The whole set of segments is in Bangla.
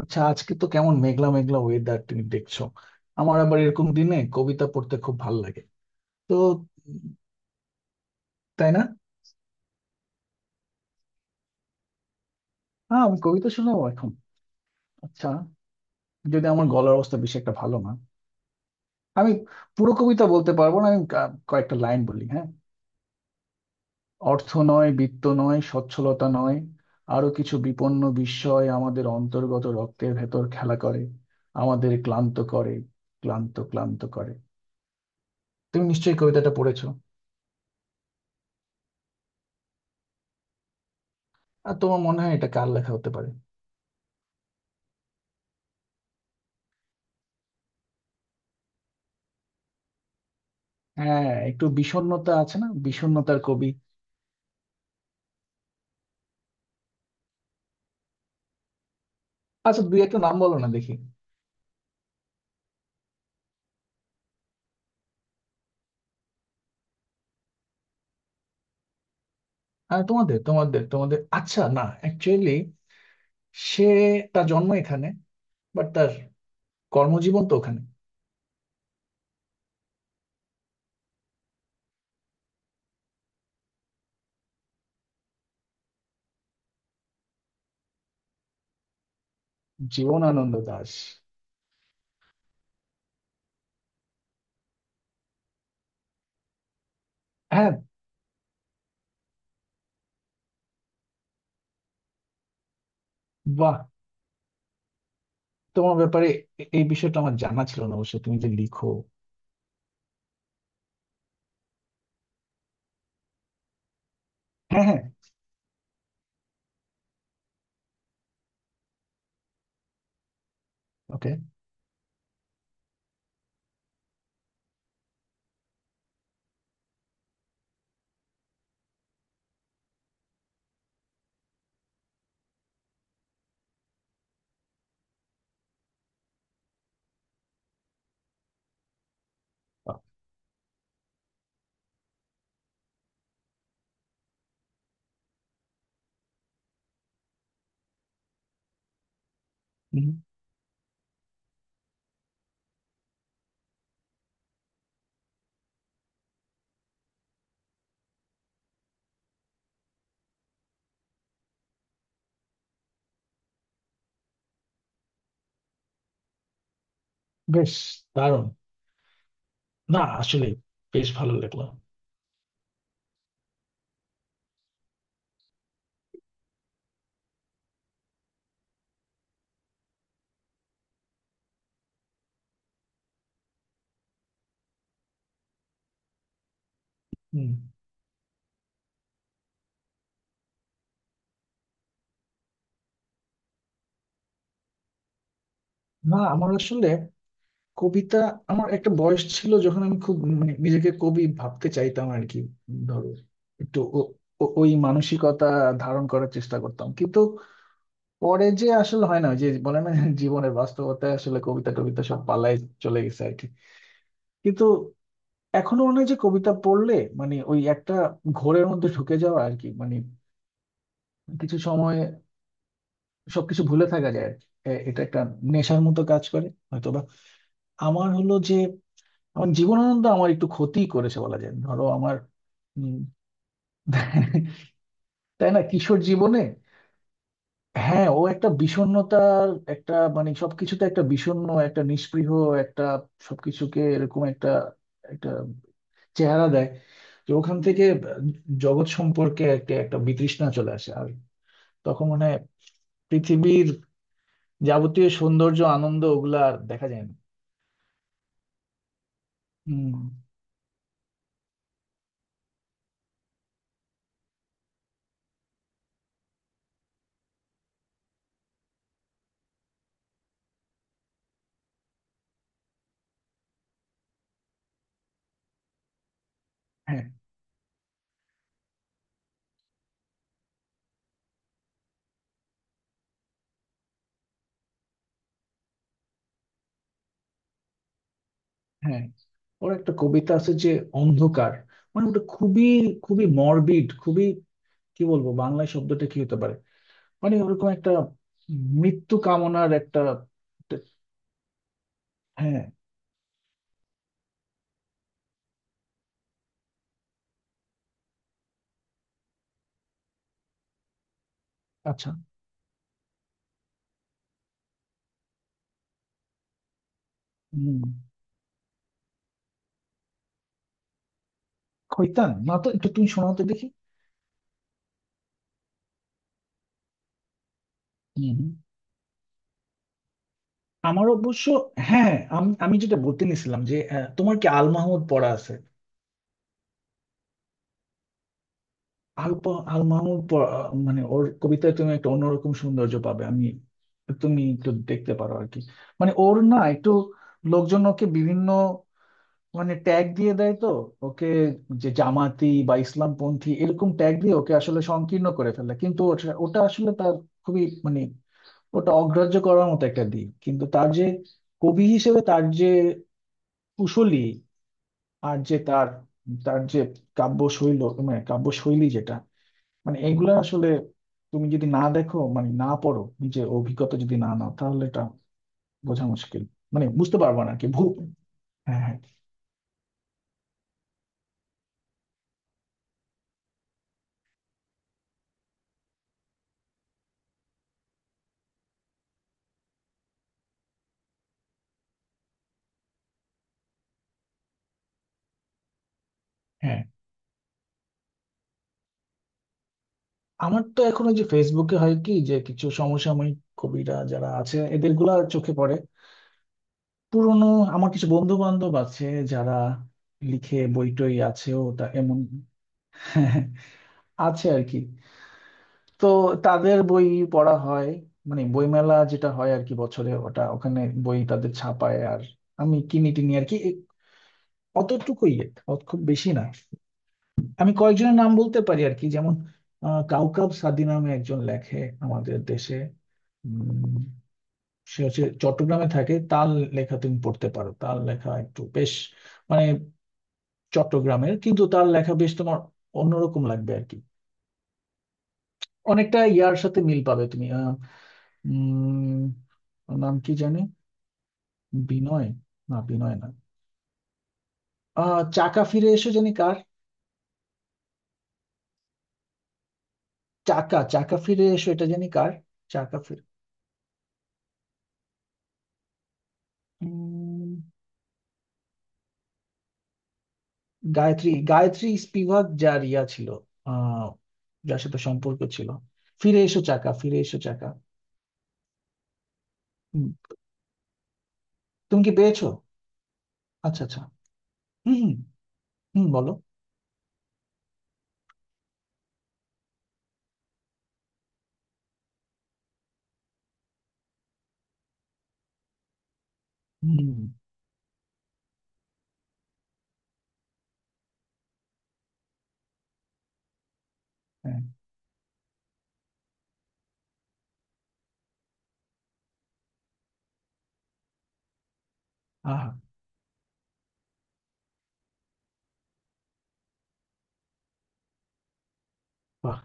আচ্ছা, আজকে তো কেমন মেঘলা মেঘলা ওয়েদার, তুমি দেখছো? আমার আবার এরকম দিনে কবিতা পড়তে খুব ভালো লাগে, তো। তাই না? হ্যাঁ, আমি কবিতা শোনাবো এখন। আচ্ছা, যদি আমার গলার অবস্থা বেশি একটা ভালো না। আমি পুরো কবিতা বলতে পারবো না, আমি কয়েকটা লাইন বলি, হ্যাঁ। অর্থ নয়, বিত্ত নয়, সচ্ছলতা নয়, আরো কিছু বিপন্ন বিস্ময় আমাদের অন্তর্গত রক্তের ভেতর খেলা করে, আমাদের ক্লান্ত করে, ক্লান্ত ক্লান্ত করে। তুমি নিশ্চয়ই কবিতাটা পড়েছো? আর তোমার মনে হয় এটা কার লেখা হতে পারে? হ্যাঁ, একটু বিষণ্ণতা আছে না, বিষণ্ণতার কবি। আচ্ছা, দুই একটা নাম বলো না দেখি। হ্যাঁ, তোমাদের তোমাদের তোমাদের আচ্ছা, না, অ্যাকচুয়ালি সে, তার জন্ম এখানে, বাট তার কর্মজীবন তো ওখানে। জীবনানন্দ দাশ। হ্যাঁ। বাহ, তোমার ব্যাপারে এই বিষয়টা আমার জানা ছিল না, অবশ্য তুমি যে লিখো। হ্যাঁ, হ্যাঁ। ওকে। বেশ, দারুণ। না আসলে, বেশ ভালো লাগলো। হম। না আমার আসলে কবিতা, আমার একটা বয়স ছিল যখন আমি খুব, মানে নিজেকে কবি ভাবতে চাইতাম আর কি। ধরো, একটু ওই মানসিকতা ধারণ করার চেষ্টা করতাম, কিন্তু পরে যে আসলে হয় না। ওই যে বলে না জীবনের বাস্তবতায় আসলে কবিতা টবিতা সব পালায়, চলে গেছে আর কি। কিন্তু এখনো মনে হয় যে কবিতা পড়লে, মানে ওই একটা ঘোরের মধ্যে ঢুকে যাওয়া আর কি, মানে কিছু সময় সবকিছু ভুলে থাকা যায় আর কি। এটা একটা নেশার মতো কাজ করে হয়তোবা। আমার হলো যে, এখন জীবনানন্দ আমার একটু ক্ষতি করেছে বলা যায়, ধরো আমার। উম, তাই না, কিশোর জীবনে। হ্যাঁ, ও একটা বিষণ্ণতার, একটা মানে সবকিছুতে একটা বিষণ্ণ, একটা নিস্পৃহ, একটা সবকিছুকে এরকম একটা একটা চেহারা দেয়, যে ওখান থেকে জগৎ সম্পর্কে একটা একটা বিতৃষ্ণা চলে আসে। আর তখন মানে পৃথিবীর যাবতীয় সৌন্দর্য আনন্দ ওগুলা আর দেখা যায় না। হম। হ্যাঁ, ওর একটা কবিতা আছে যে অন্ধকার, মানে ওটা খুবই, খুবই মরবিড, খুবই, কি বলবো, বাংলায় শব্দটা কি হতে পারে, মানে ওরকম একটা মৃত্যু কামনার একটা একটা-। হ্যাঁ। আচ্ছা। হম। খৈতান, না তো, একটু তুমি শোনাতে দেখি। হম। আমার অবশ্য, হ্যাঁ, আমি আমি যেটা বলতে নিছিলাম যে তোমার কি আল মাহমুদ পড়া আছে? আল মাহমুদ মানে ওর কবিতায় তুমি একটা অন্যরকম সৌন্দর্য পাবে আমি, তুমি একটু দেখতে পারো আর কি। মানে ওর না একটু, লোকজন ওকে বিভিন্ন মানে ট্যাগ দিয়ে দেয় তো ওকে, যে জামাতি বা ইসলামপন্থী এরকম ট্যাগ দিয়ে ওকে আসলে সংকীর্ণ করে ফেলে, কিন্তু ওটা ওটা আসলে তার খুবই মানে, ওটা অগ্রাহ্য করার মতো একটা দিক, কিন্তু তার যে কবি হিসেবে তার যে কুশলী, আর যে তার, তার যে কাব্য শৈল, মানে কাব্য শৈলী যেটা, মানে এইগুলো আসলে তুমি যদি না দেখো, মানে না পড়ো, নিজে অভিজ্ঞতা যদি না নাও, তাহলে এটা বোঝা মুশকিল, মানে বুঝতে পারবো না আর কি। ভুল। হ্যাঁ, হ্যাঁ, হ্যাঁ। আমার তো এখন ওই যে ফেসবুকে হয় কি, যে কিছু সমসাময়িক কবিরা যারা আছে এদের গুলা চোখে পড়ে। পুরনো, আমার কিছু বন্ধু বান্ধব আছে যারা লিখে, বই টই আছেও তা এমন, আছে আর কি। তো তাদের বই পড়া হয়, মানে বইমেলা যেটা হয় আর কি বছরে, ওটা ওখানে বই তাদের ছাপায়, আর আমি কিনি টিনি আর কি, অতটুকুই, অত খুব বেশি না। আমি কয়েকজনের নাম বলতে পারি আর কি, যেমন কাউকাব সাদি নামে একজন লেখে আমাদের দেশে। উম, সে হচ্ছে চট্টগ্রামে থাকে, তার লেখা তুমি পড়তে পারো, তার লেখা একটু বেশ মানে, চট্টগ্রামের কিন্তু তার লেখা বেশ তোমার অন্যরকম লাগবে আর কি, অনেকটা ইয়ার সাথে মিল পাবে তুমি। আহ, উম ওর নাম কি জানি, বিনয়, না বিনয় না। আহ, চাকা ফিরে এসো, জানি কার। চাকা চাকা ফিরে এসো, এটা জানি কার। চাকা ফিরে, গায়ত্রী গায়ত্রী স্পিভাক যার ইয়া ছিল, আহ, যার সাথে সম্পর্ক ছিল। ফিরে এসো চাকা, ফিরে এসো চাকা। হুম। তুমি কি পেয়েছো? আচ্ছা, আচ্ছা। হুম, হুম। হুম, বলো। হুম। হ্যাঁ। আহা। বাহ।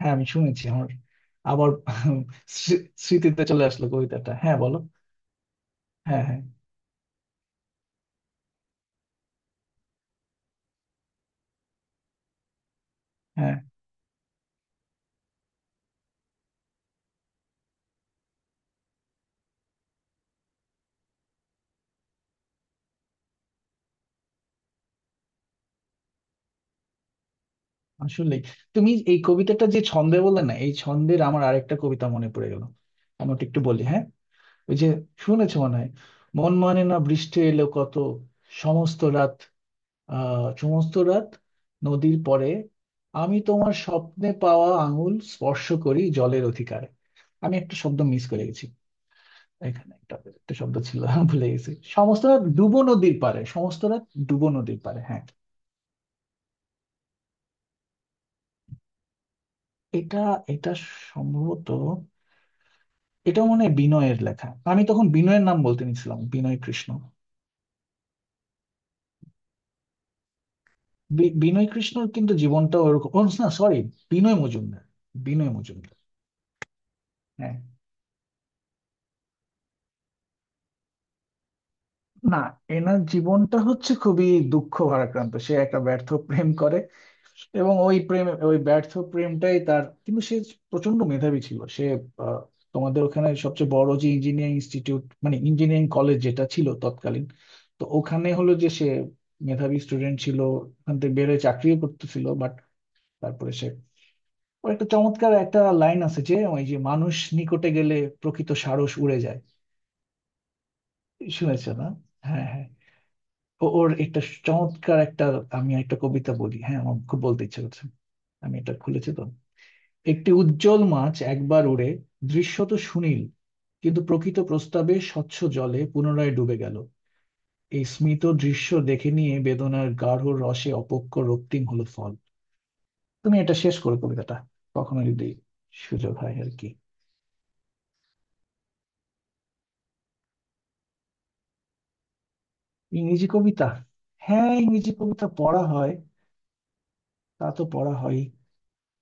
হ্যাঁ, আমি শুনেছি আমার, আবার স্মৃতিতে চলে আসলো কবিতাটা, হ্যাঁ বলো। হ্যাঁ, হ্যাঁ, হ্যাঁ। আসলে তুমি এই কবিতাটা যে ছন্দে বললে না, এই ছন্দের আমার আরেকটা কবিতা মনে পড়ে গেল, আমি ওটা একটু বলি হ্যাঁ। ওই যে, শুনেছো মনে হয়, মন মানে না, বৃষ্টি এলো কত, সমস্ত রাত, আহ, সমস্ত রাত নদীর পরে, আমি তোমার স্বপ্নে পাওয়া আঙুল স্পর্শ করি জলের অধিকারে। আমি একটা শব্দ মিস করে গেছি, এখানে একটা একটা শব্দ ছিল ভুলে গেছি। সমস্ত রাত ডুবো নদীর পারে, সমস্ত রাত ডুবো নদীর পারে, হ্যাঁ। এটা এটা সম্ভবত, এটা মনে হয় বিনয়ের লেখা। আমি তখন বিনয়ের নাম বলতে নিছিলাম, বিনয় কৃষ্ণ। বিনয় কৃষ্ণর কিন্তু জীবনটা ওরকম ও না, সরি, বিনয় মজুমদার, বিনয় মজুমদার। হ্যাঁ। না, এনার জীবনটা হচ্ছে খুবই দুঃখ ভারাক্রান্ত। সে একটা ব্যর্থ প্রেম করে, এবং ওই প্রেম ওই ব্যর্থ প্রেমটাই তার, কিন্তু সে প্রচন্ড মেধাবী ছিল সে। আহ, তোমাদের ওখানে সবচেয়ে বড় যে ইঞ্জিনিয়ারিং ইনস্টিটিউট, মানে ইঞ্জিনিয়ারিং কলেজ যেটা ছিল তৎকালীন, তো ওখানে হলো যে সে মেধাবী স্টুডেন্ট ছিল। ওখান থেকে বেরোয়, চাকরিও করতেছিল, বাট তারপরে সে, ও একটা চমৎকার একটা লাইন আছে যে, ওই যে মানুষ নিকটে গেলে প্রকৃত সারস উড়ে যায়। শুনেছো না? হ্যাঁ, হ্যাঁ। ওর একটা চমৎকার একটা, আমি একটা কবিতা বলি হ্যাঁ, আমার খুব বলতে ইচ্ছে করছে, আমি এটা খুলেছি তো। একটি উজ্জ্বল মাছ একবার উড়ে দৃশ্যত সুনীল, কিন্তু প্রকৃত প্রস্তাবে স্বচ্ছ জলে পুনরায় ডুবে গেল। এই স্মিত দৃশ্য দেখে নিয়ে বেদনার গাঢ় রসে অপক্ষ রক্তিম হলো ফল। তুমি এটা শেষ করো কবিতাটা কখনো, যদি সুযোগ হয় আর কি। ইংরেজি কবিতা, হ্যাঁ ইংরেজি কবিতা পড়া হয়, তা তো পড়া হয়।